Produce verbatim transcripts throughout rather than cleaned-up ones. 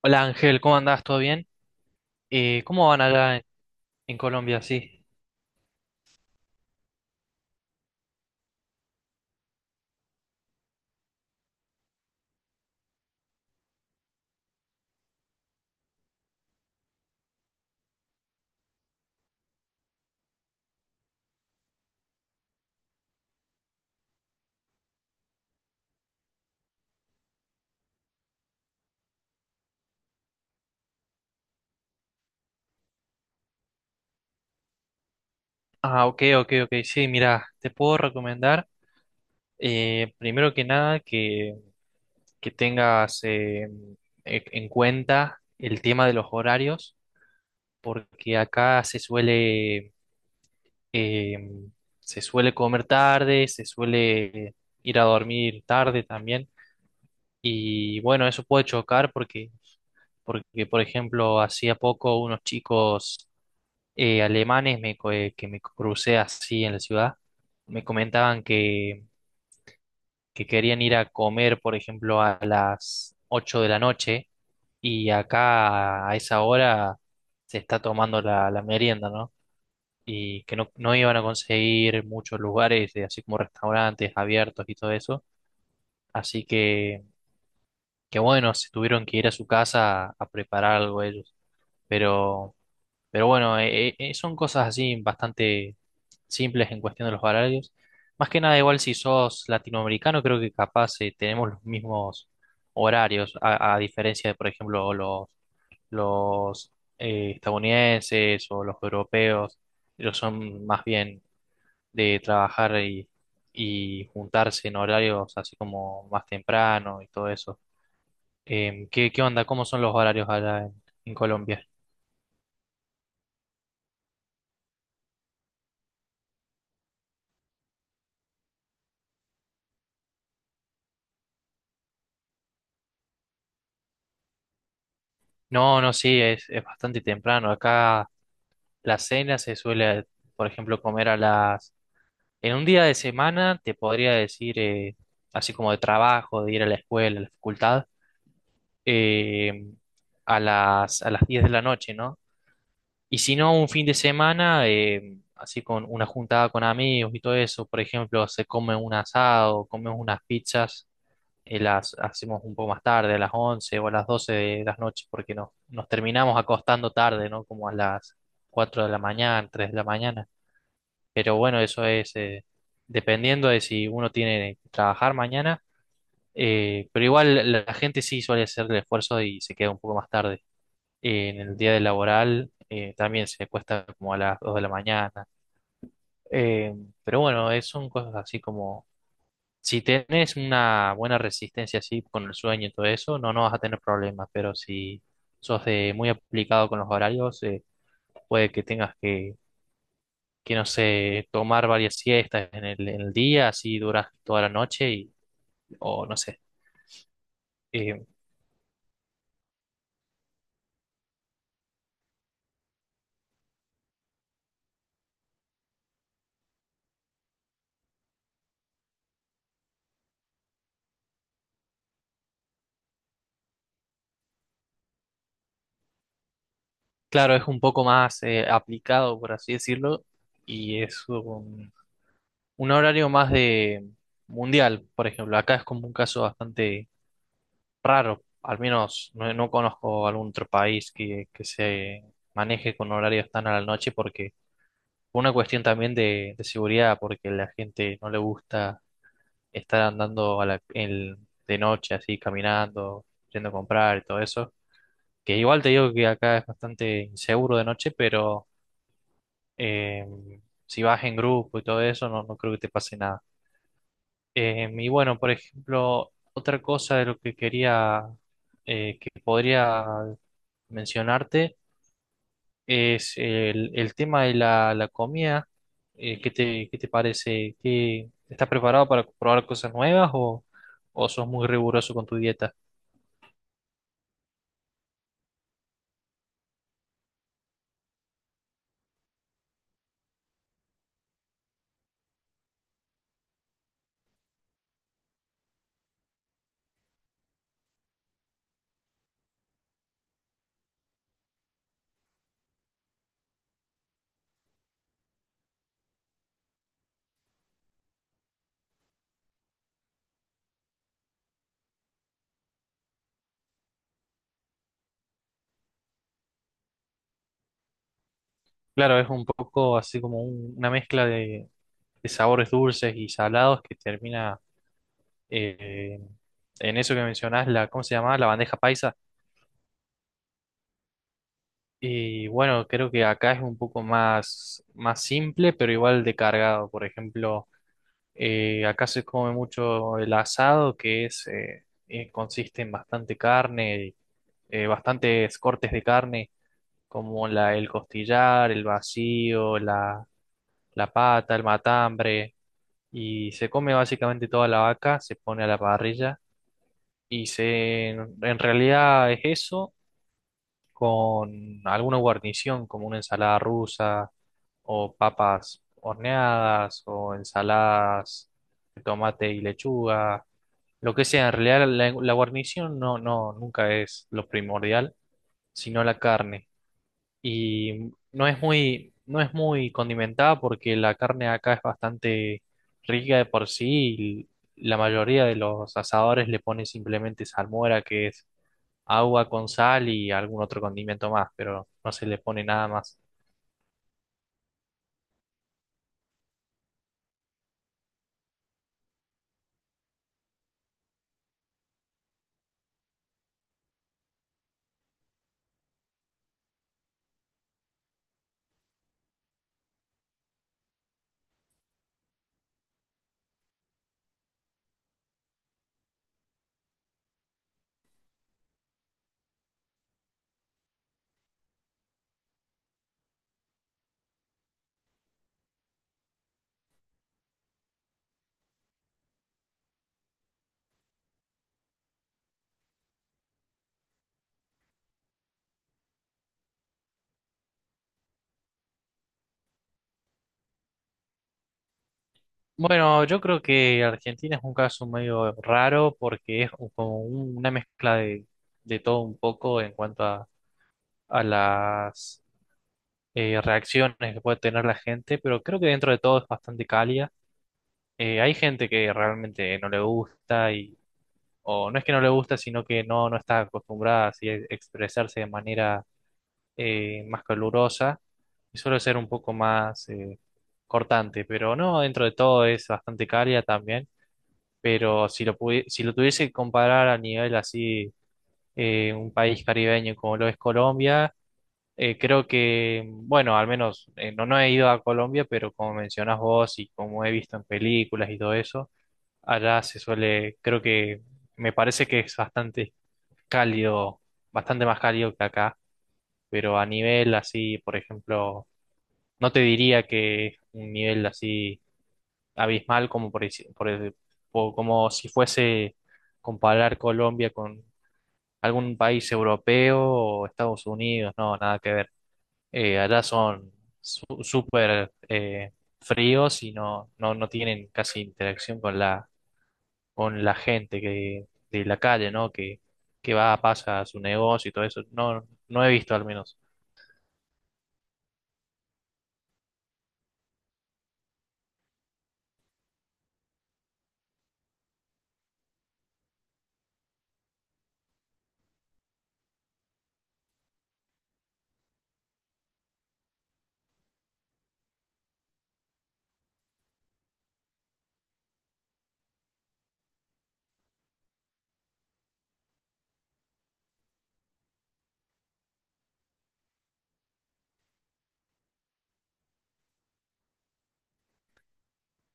Hola Ángel, ¿cómo andás? ¿Todo bien? Eh, ¿cómo van allá en, en Colombia? Sí. Ah, ok, ok, ok. Sí, mira, te puedo recomendar, eh, primero que nada, que, que tengas eh, e- en cuenta el tema de los horarios, porque acá se suele, eh, se suele comer tarde, se suele ir a dormir tarde también, y bueno, eso puede chocar porque porque por ejemplo hacía poco unos chicos eh, alemanes me co- eh, que me crucé así en la ciudad, me comentaban que, que querían ir a comer, por ejemplo, a las ocho de la noche y acá a esa hora se está tomando la, la merienda, ¿no? Y que no, no iban a conseguir muchos lugares, eh, así como restaurantes abiertos y todo eso. Así que, que bueno, se tuvieron que ir a su casa a, a preparar algo ellos. Pero Pero bueno, eh, eh, son cosas así bastante simples en cuestión de los horarios. Más que nada, igual si sos latinoamericano, creo que capaz eh, tenemos los mismos horarios, a, a diferencia de, por ejemplo, los, los eh, estadounidenses o los europeos, ellos son más bien de trabajar y, y juntarse en horarios así como más temprano y todo eso. Em, ¿qué, qué onda? ¿Cómo son los horarios allá en en Colombia? No, no, sí, es, es bastante temprano. Acá la cena se suele, por ejemplo, comer a las... En un día de semana, te podría decir, eh, así como de trabajo, de ir a la escuela, a la facultad, eh, a las, a las diez de la noche, ¿no? Y si no, un fin de semana, eh, así con una juntada con amigos y todo eso, por ejemplo, se come un asado, comemos unas pizzas y las hacemos un poco más tarde, a las once o a las doce de las noches, porque nos, nos terminamos acostando tarde, ¿no? Como a las cuatro de la mañana, tres de la mañana. Pero bueno, eso es eh, dependiendo de si uno tiene que trabajar mañana, eh, pero igual la, la gente sí suele hacer el esfuerzo y se queda un poco más tarde. Eh, en el día de laboral eh, también se cuesta como a las dos de la mañana. Eh, pero bueno, eh, son cosas así como si tienes una buena resistencia así con el sueño y todo eso, no, no vas a tener problemas, pero si sos de muy aplicado con los horarios, eh, puede que tengas que, que, no sé, tomar varias siestas en el, en el día, así duras toda la noche, y, o no sé. Eh, claro, es un poco más eh, aplicado, por así decirlo, y es un, un horario más de mundial, por ejemplo. Acá es como un caso bastante raro, al menos no, no conozco algún otro país que, que se maneje con horarios tan a la noche porque una cuestión también de, de seguridad, porque la gente no le gusta estar andando a la- el- de noche así, caminando, yendo a comprar y todo eso, que igual te digo que acá es bastante inseguro de noche, pero eh, si vas en grupo y todo eso, no, no creo que te pase nada. Eh, y bueno, por ejemplo, otra cosa de lo que quería eh, que podría mencionarte es el, el tema de la, la comida. Eh, ¿qué te, qué te parece? ¿Qué- estás preparado para probar cosas nuevas o, o sos muy riguroso con tu dieta? Claro, es un poco así como un- una mezcla de, de sabores dulces y salados que termina eh, en eso que mencionás, la, ¿cómo se llama? La bandeja paisa. Y bueno, creo que acá es un poco más, más simple, pero igual de cargado. Por ejemplo. Eh, acá se come mucho el asado, que es, eh, eh, consiste en bastante carne, eh, bastantes cortes de carne, como la, el costillar, el vacío, la, la pata, el matambre, y se come básicamente toda la vaca, se pone a la parrilla, y se, en realidad es eso, con alguna guarnición, como una ensalada rusa, o papas horneadas, o ensaladas de tomate y lechuga. Lo que sea, en realidad la, la guarnición no, no, nunca es lo primordial, sino la carne. Y no es muy, no es muy condimentada porque la carne acá es bastante rica de por sí y la mayoría de los asadores le ponen simplemente salmuera, que es agua con sal y algún otro condimento más, pero no se le pone nada más. Bueno, yo creo que Argentina es un caso medio raro porque es como un- una mezcla de, de todo un poco en cuanto a a las eh, reacciones que puede tener la gente, pero creo que dentro de todo es bastante cálida. Eh, hay gente que realmente no le gusta y, o no es que no le gusta, sino que no, no está acostumbrada así a expresarse de manera eh, más calurosa y suele ser un poco más eh, cortante, pero no, dentro de todo es bastante cálida también, pero si lo, pudi- si lo tuviese que comparar a nivel así, eh, un país caribeño como lo es Colombia. Eh, creo que, bueno, al menos eh, no, no he ido a Colombia, pero como mencionás vos y como he visto en películas y todo eso, allá se suele, creo que me parece que es bastante cálido, bastante más cálido que acá, pero a nivel así, por ejemplo, no te diría que es un nivel así abismal como por, deci- por el- o como si fuese comparar Colombia con algún país europeo o Estados Unidos, no, nada que ver. Eh, allá son su- súper eh, fríos y no, no, no tienen casi interacción con la, con la gente que, de la calle, ¿no? Que, que va, pasa a su negocio y todo eso. No, no he visto al menos.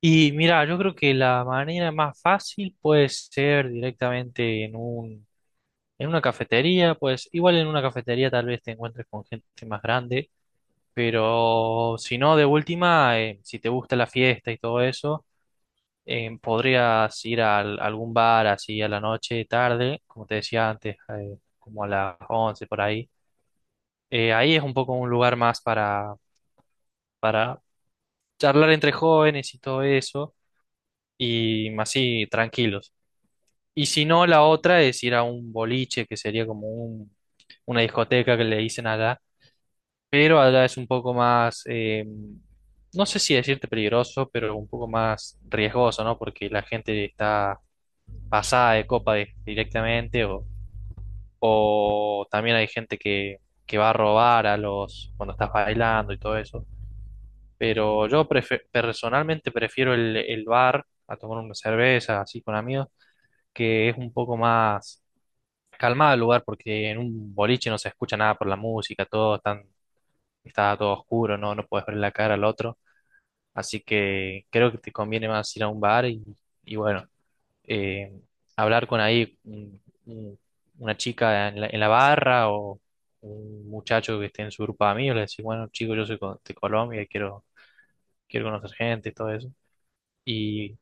Y mira, yo creo que la manera más fácil puede ser directamente en un, en una cafetería, pues igual en una cafetería tal vez te encuentres con gente más grande, pero si no, de última, eh, si te gusta la fiesta y todo eso. Eh, podrías ir a al- algún bar así a la noche, tarde, como te decía antes, eh, como a las once por ahí. Eh, ahí es un poco un lugar más para, para charlar entre jóvenes y todo eso, y más así tranquilos. Y si no, la otra es ir a un boliche, que sería como un, una discoteca que le dicen allá, pero allá es un poco más, eh, no sé si decirte peligroso, pero un poco más riesgoso, ¿no? Porque la gente está pasada de copa di- directamente o, o también hay gente que, que va a robar a los cuando estás bailando y todo eso. Pero yo prefe- personalmente prefiero el, el bar a tomar una cerveza así con amigos, que es un poco más calmado el lugar porque en un boliche no se escucha nada por la música, todo tan- está todo oscuro, no, no puedes ver la cara al otro. Así que creo que te conviene más ir a un bar y, y bueno. Eh, hablar con ahí un- un- una chica en la, en la barra o un muchacho que esté en su grupo de amigos, le decís, bueno, chico, yo soy co- de Colombia y quiero, quiero conocer gente y todo eso. Y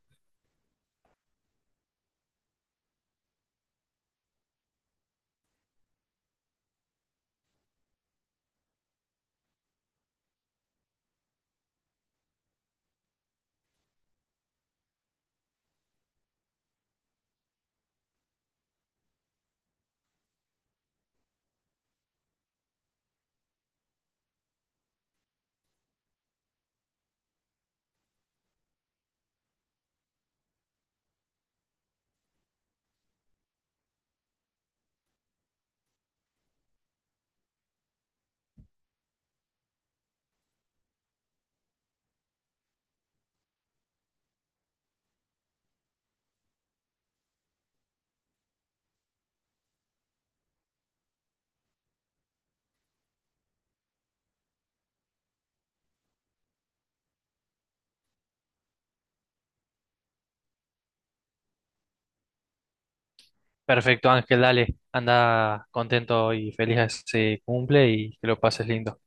perfecto, Ángel, dale, anda contento y feliz a ese cumple y que lo pases lindo.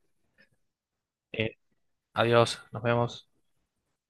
Eh, adiós, nos vemos.